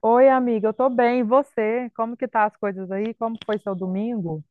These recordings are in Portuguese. Oi, amiga, eu tô bem. E você? Como que tá as coisas aí? Como foi seu domingo?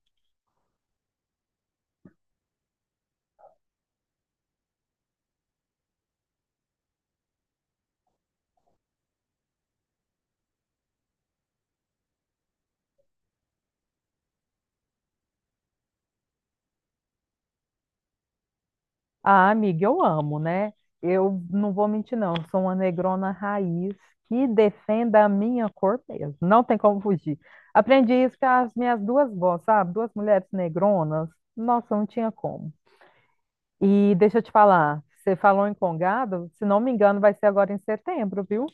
Ah, amiga, eu amo, né? Eu não vou mentir, não. Eu sou uma negrona raiz que defenda a minha cor mesmo. Não tem como fugir. Aprendi isso com as minhas duas vós, sabe? Duas mulheres negronas. Nossa, não tinha como. E deixa eu te falar, você falou em congado, se não me engano, vai ser agora em setembro, viu?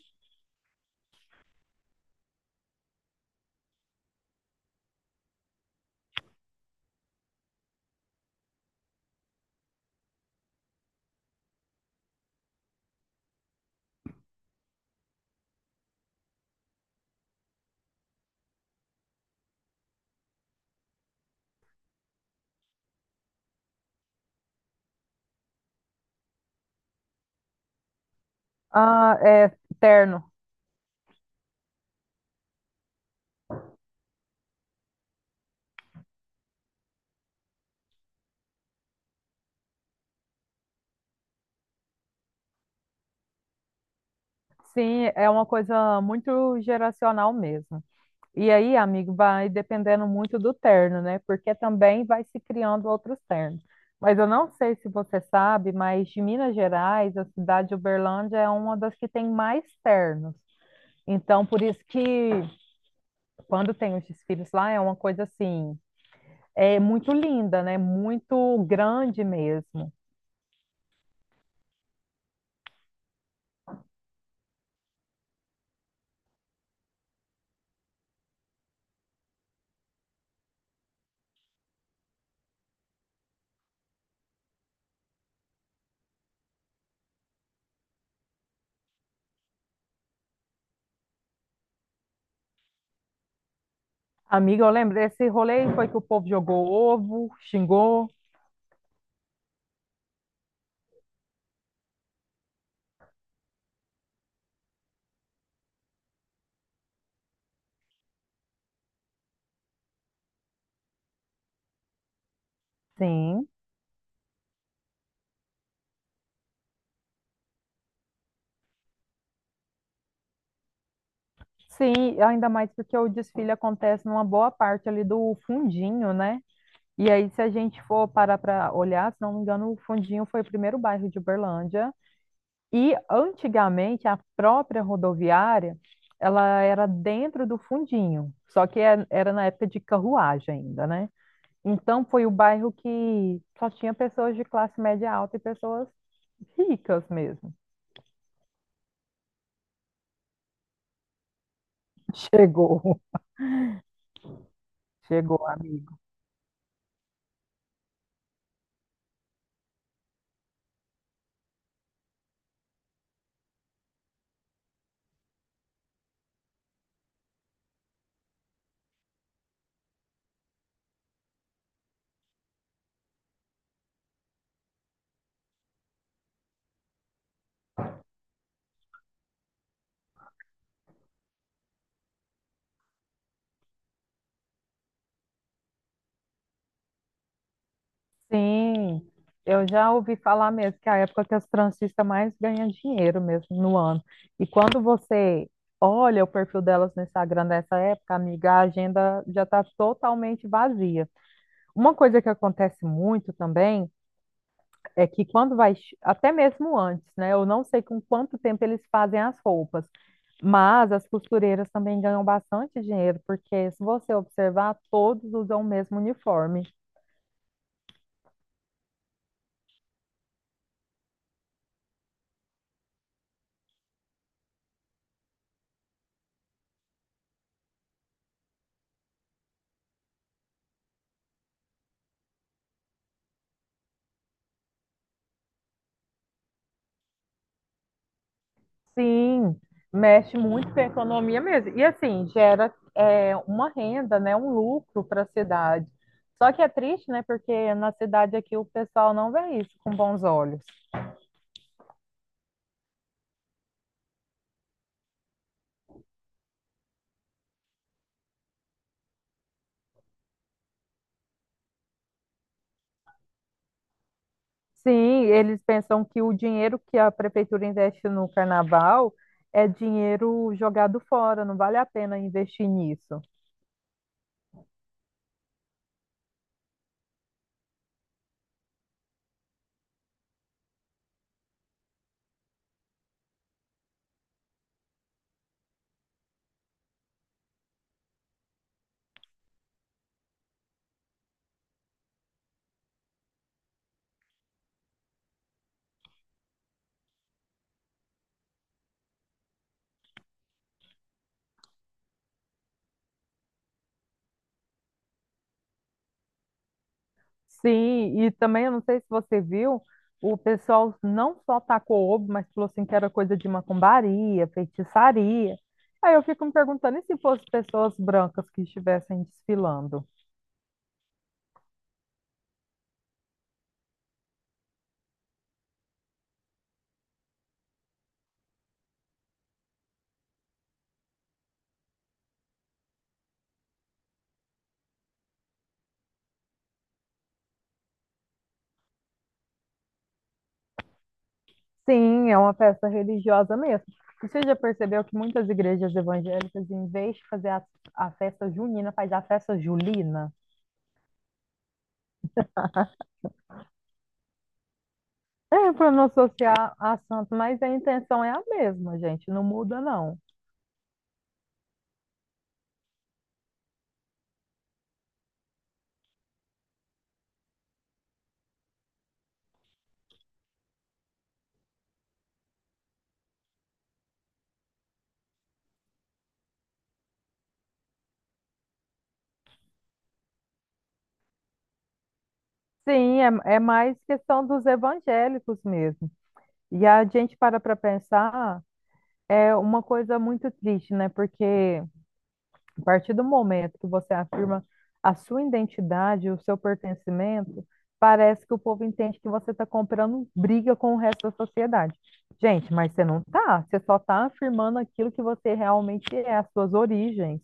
Ah, é terno. Sim, é uma coisa muito geracional mesmo. E aí, amigo, vai dependendo muito do terno, né? Porque também vai se criando outros ternos. Mas eu não sei se você sabe, mas de Minas Gerais, a cidade de Uberlândia é uma das que tem mais ternos. Então, por isso que quando tem os desfiles lá, é uma coisa assim, é muito linda, né? Muito grande mesmo. Amiga, eu lembro, esse rolê foi que o povo jogou ovo, xingou. Sim. Sim, ainda mais porque o desfile acontece numa boa parte ali do fundinho, né? E aí, se a gente for parar para olhar, se não me engano, o Fundinho foi o primeiro bairro de Uberlândia. E antigamente a própria rodoviária, ela era dentro do Fundinho, só que era na época de carruagem ainda, né? Então foi o bairro que só tinha pessoas de classe média alta e pessoas ricas mesmo. Chegou. Chegou, amigo. Sim, eu já ouvi falar mesmo que é a época que as transistas mais ganham dinheiro mesmo no ano. E quando você olha o perfil delas no Instagram nessa época, amiga, a agenda já está totalmente vazia. Uma coisa que acontece muito também é que quando vai, até mesmo antes, né? Eu não sei com quanto tempo eles fazem as roupas, mas as costureiras também ganham bastante dinheiro, porque se você observar, todos usam o mesmo uniforme. Sim, mexe muito com a economia mesmo. E assim, uma renda, né, um lucro para a cidade. Só que é triste, né, porque na cidade aqui o pessoal não vê isso com bons olhos. Sim, eles pensam que o dinheiro que a prefeitura investe no carnaval é dinheiro jogado fora, não vale a pena investir nisso. Sim, e também eu não sei se você viu, o pessoal não só tacou ovo, mas falou assim que era coisa de macumbaria, feitiçaria. Aí eu fico me perguntando, e se fossem pessoas brancas que estivessem desfilando? Sim, é uma festa religiosa mesmo. E você já percebeu que muitas igrejas evangélicas, em vez de fazer a festa junina, faz a festa julina? É, para não associar a santo, mas a intenção é a mesma, gente, não muda não. Sim, é, é mais questão dos evangélicos mesmo. E a gente para para pensar, é uma coisa muito triste, né? Porque a partir do momento que você afirma a sua identidade, o seu pertencimento, parece que o povo entende que você está comprando briga com o resto da sociedade. Gente, mas você não tá, você só está afirmando aquilo que você realmente é, as suas origens.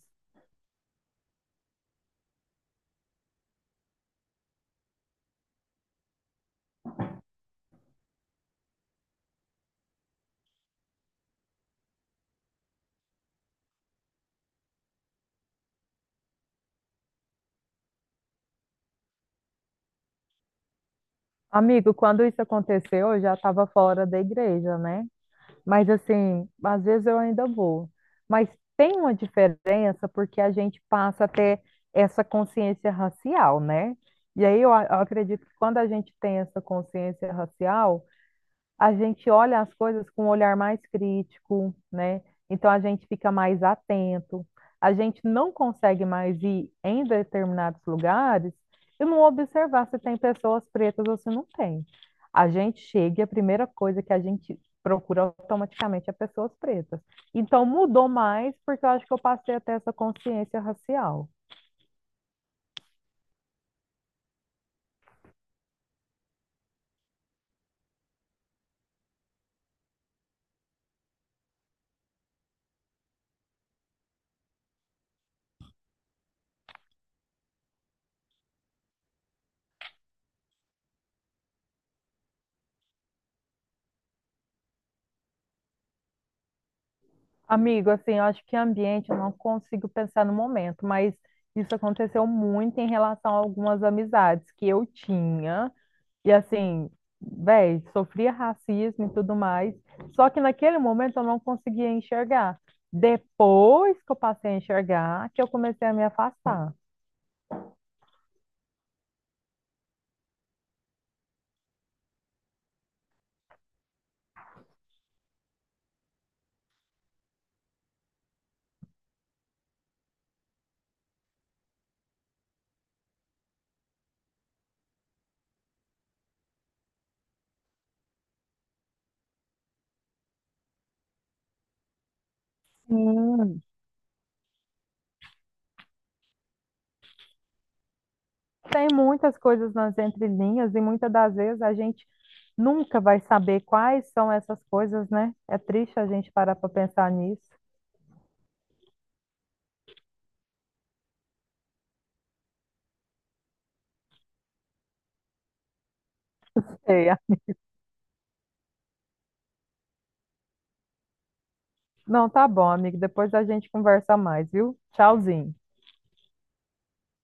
Amigo, quando isso aconteceu, eu já estava fora da igreja, né? Mas assim, às vezes eu ainda vou. Mas tem uma diferença porque a gente passa a ter essa consciência racial, né? E aí eu acredito que quando a gente tem essa consciência racial, a gente olha as coisas com um olhar mais crítico, né? Então a gente fica mais atento. A gente não consegue mais ir em determinados lugares e não observar se tem pessoas pretas ou se não tem. A gente chega e a primeira coisa que a gente procura automaticamente é pessoas pretas. Então mudou mais porque eu acho que eu passei até essa consciência racial. Amigo, assim, eu acho que ambiente eu não consigo pensar no momento, mas isso aconteceu muito em relação a algumas amizades que eu tinha, e assim, véi, sofria racismo e tudo mais, só que naquele momento eu não conseguia enxergar. Depois que eu passei a enxergar, que eu comecei a me afastar. Sim. Tem muitas coisas nas entrelinhas, e muitas das vezes a gente nunca vai saber quais são essas coisas, né? É triste a gente parar para pensar nisso. Não, tá bom, amigo. Depois a gente conversa mais, viu? Tchauzinho.